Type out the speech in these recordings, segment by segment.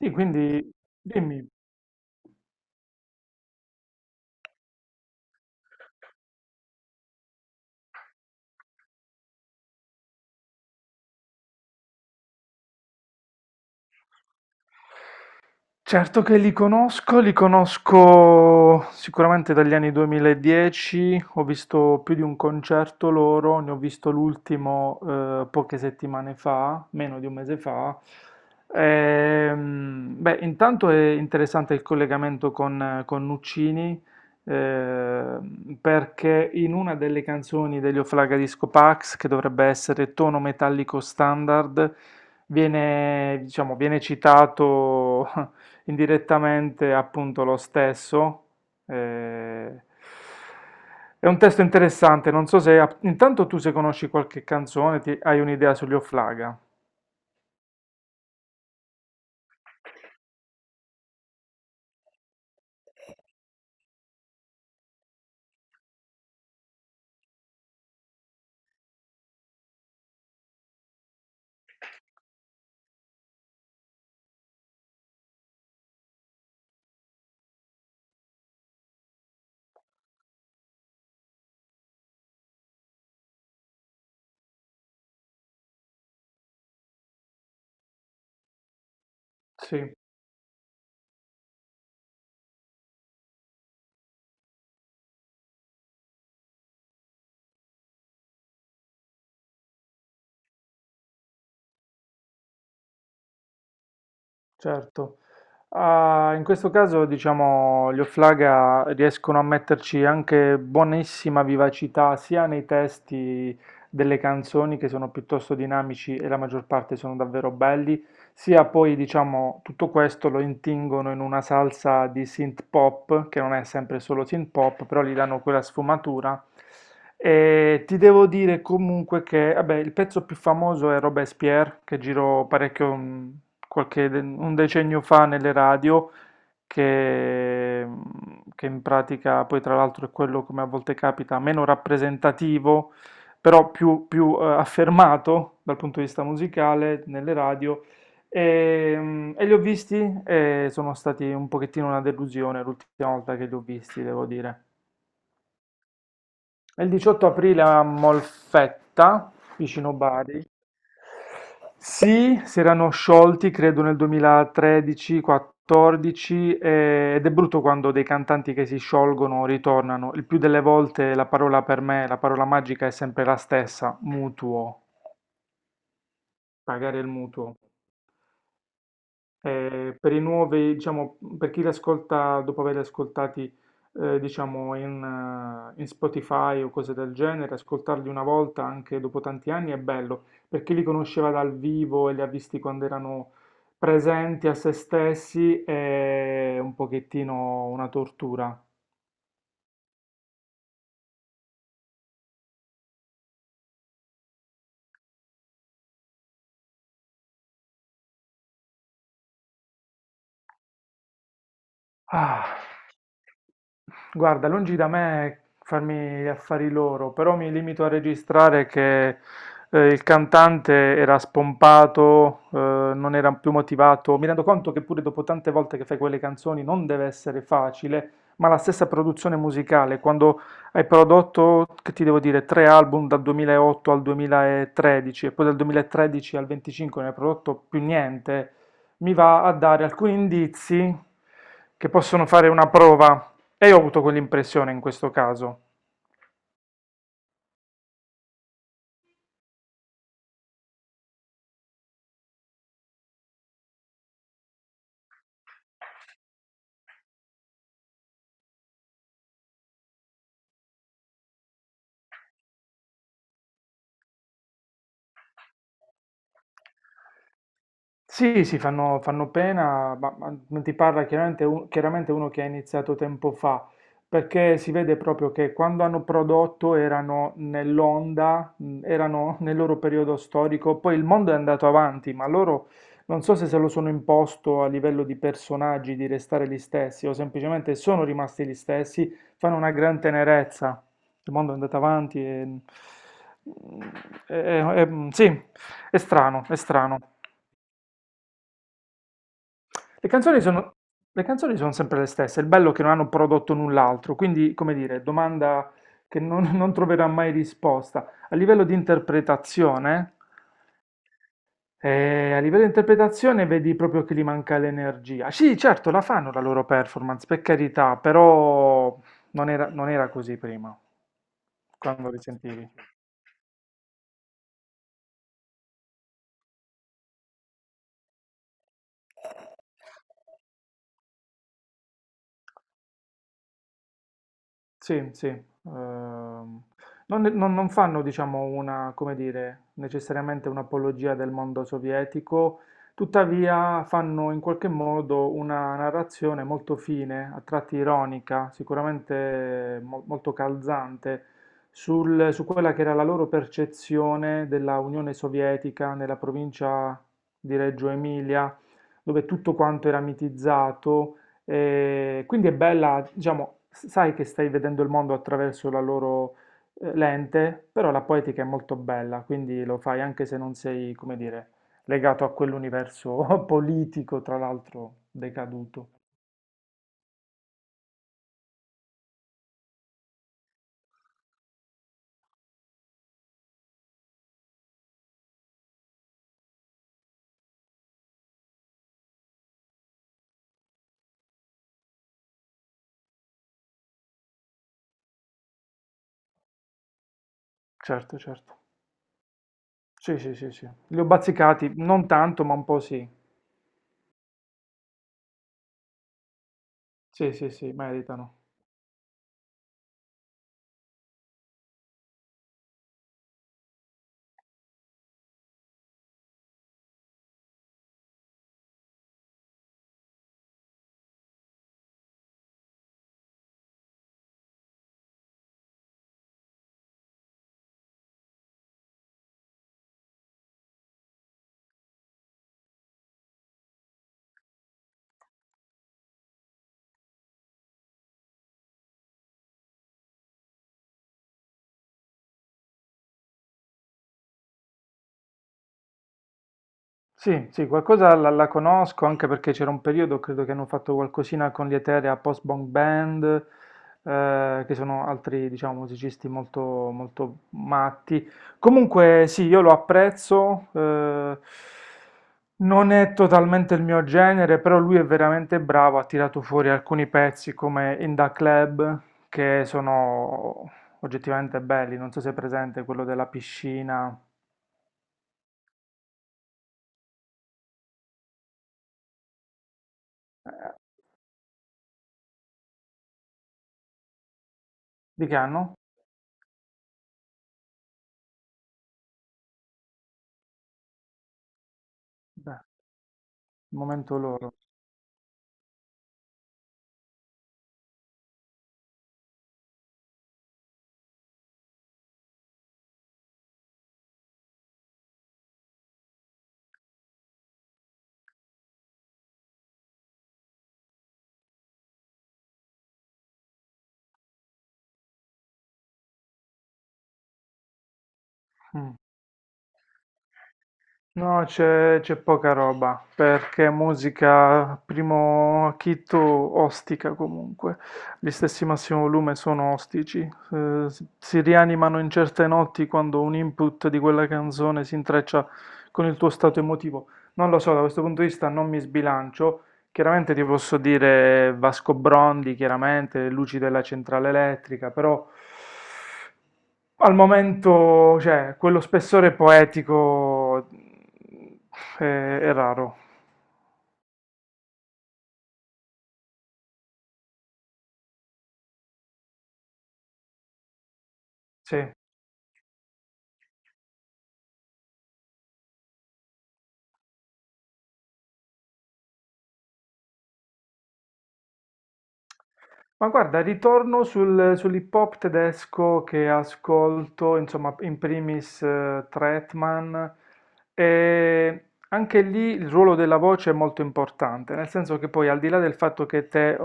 Sì, quindi dimmi. Certo che li conosco sicuramente dagli anni 2010, ho visto più di un concerto loro, ne ho visto l'ultimo, poche settimane fa, meno di un mese fa. Beh, intanto è interessante il collegamento con Nuccini, perché in una delle canzoni degli Oflaga Disco Pax, che dovrebbe essere tono metallico standard, diciamo, viene citato indirettamente appunto lo stesso. eh, è un testo interessante, non so se. Intanto tu, se conosci qualche canzone, hai un'idea sugli Offlaga? Sì, certo. Ah, in questo caso, diciamo, gli Offlaga riescono a metterci anche buonissima vivacità sia nei testi delle canzoni, che sono piuttosto dinamici e la maggior parte sono davvero belli, sia poi, diciamo, tutto questo lo intingono in una salsa di synth pop, che non è sempre solo synth pop, però gli danno quella sfumatura. E ti devo dire comunque che, vabbè, il pezzo più famoso è Robespierre, che girò parecchio, un decennio fa nelle radio, che, mm, che in pratica poi tra l'altro è quello, come a volte capita, meno rappresentativo, però più affermato dal punto di vista musicale nelle radio. E li ho visti e sono stati un pochettino una delusione l'ultima volta che li ho visti, devo dire. Il 18 aprile a Molfetta, vicino Bari. Sì, si erano sciolti, credo nel 2013-14, ed è brutto quando dei cantanti che si sciolgono ritornano. Il più delle volte la parola per me, la parola magica è sempre la stessa: mutuo, pagare il mutuo. Per i nuovi, diciamo, per chi li ascolta dopo averli ascoltati, diciamo, in Spotify o cose del genere, ascoltarli una volta anche dopo tanti anni è bello. Per chi li conosceva dal vivo e li ha visti quando erano presenti a se stessi è un pochettino una tortura. Ah, guarda, lungi da me farmi gli affari loro, però mi limito a registrare che il cantante era spompato, non era più motivato. Mi rendo conto che pure dopo tante volte che fai quelle canzoni non deve essere facile, ma la stessa produzione musicale, quando hai prodotto, che ti devo dire, tre album dal 2008 al 2013 e poi dal 2013 al 25 non hai prodotto più niente, mi va a dare alcuni indizi che possono fare una prova, e io ho avuto quell'impressione in questo caso. Sì, sì, fanno pena, ma non ti parla chiaramente, chiaramente uno che ha iniziato tempo fa, perché si vede proprio che quando hanno prodotto erano nell'onda, erano nel loro periodo storico, poi il mondo è andato avanti, ma loro non so se lo sono imposto a livello di personaggi di restare gli stessi o semplicemente sono rimasti gli stessi, fanno una gran tenerezza. Il mondo è andato avanti. Sì, è strano, è strano. Le canzoni sono, le canzoni sono sempre le stesse, il bello è che non hanno prodotto null'altro, quindi, come dire, domanda che non, non troverà mai risposta. A livello di interpretazione, a livello di interpretazione vedi proprio che gli manca l'energia. Sì, certo, la fanno la loro performance, per carità, però non era così prima, quando li sentivi. Sì, sì. Non fanno, diciamo, una, come dire, necessariamente un'apologia del mondo sovietico, tuttavia fanno in qualche modo una narrazione molto fine, a tratti ironica, sicuramente molto calzante, su quella che era la loro percezione della Unione Sovietica nella provincia di Reggio Emilia, dove tutto quanto era mitizzato. Quindi è bella, diciamo, sai che stai vedendo il mondo attraverso la loro lente, però la poetica è molto bella, quindi lo fai anche se non sei, come dire, legato a quell'universo politico, tra l'altro decaduto. Certo, certo. Sì, sì, sì, sì. Li ho bazzicati, non tanto, ma un po' sì. Sì, sì, sì, meritano. Sì, sì, qualcosa la conosco anche perché c'era un periodo, credo che hanno fatto qualcosina con gli Eterea Post Bong Band, che sono altri, diciamo, musicisti molto, molto matti. Comunque, sì, io lo apprezzo, non è totalmente il mio genere, però lui è veramente bravo, ha tirato fuori alcuni pezzi come In Da Club, che sono oggettivamente belli, non so se è presente quello della piscina. Eh, Di che anno? Beh. Momento loro. Mm. No, c'è poca roba, perché musica primo acchito ostica comunque. Gli stessi Massimo Volume sono ostici. Si rianimano in certe notti quando un input di quella canzone si intreccia con il tuo stato emotivo. Non lo so, da questo punto di vista non mi sbilancio. Chiaramente ti posso dire Vasco Brondi, chiaramente, le luci della centrale elettrica, però al momento, cioè, quello spessore poetico è raro. Sì. Ma guarda, ritorno sull'hip hop tedesco che ascolto, insomma, in primis Trettmann, e anche lì il ruolo della voce è molto importante, nel senso che poi al di là del fatto che te, eh,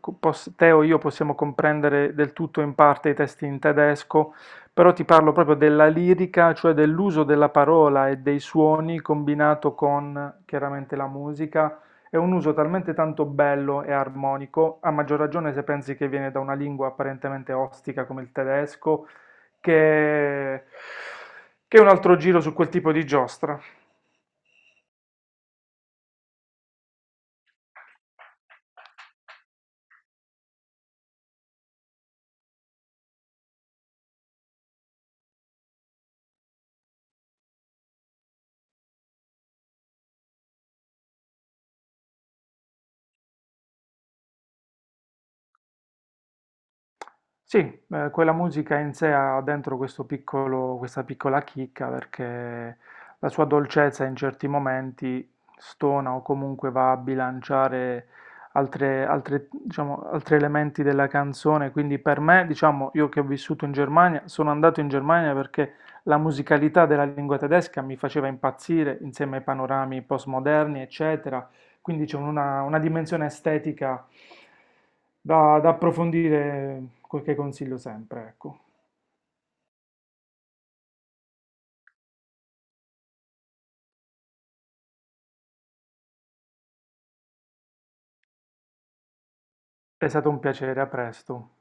co- poss- te o io possiamo comprendere del tutto in parte i testi in tedesco, però ti parlo proprio della lirica, cioè dell'uso della parola e dei suoni combinato con chiaramente la musica è un uso talmente tanto bello e armonico, a maggior ragione se pensi che viene da una lingua apparentemente ostica come il tedesco, che, che è un altro giro su quel tipo di giostra. Sì, quella musica in sé ha dentro questo piccolo, questa piccola chicca, perché la sua dolcezza in certi momenti stona o comunque va a bilanciare altre, diciamo, altri elementi della canzone. Quindi per me, diciamo, io che ho vissuto in Germania, sono andato in Germania perché la musicalità della lingua tedesca mi faceva impazzire insieme ai panorami postmoderni, eccetera. Quindi c'è una dimensione estetica da approfondire, quel che consiglio sempre, ecco. È stato un piacere, a presto.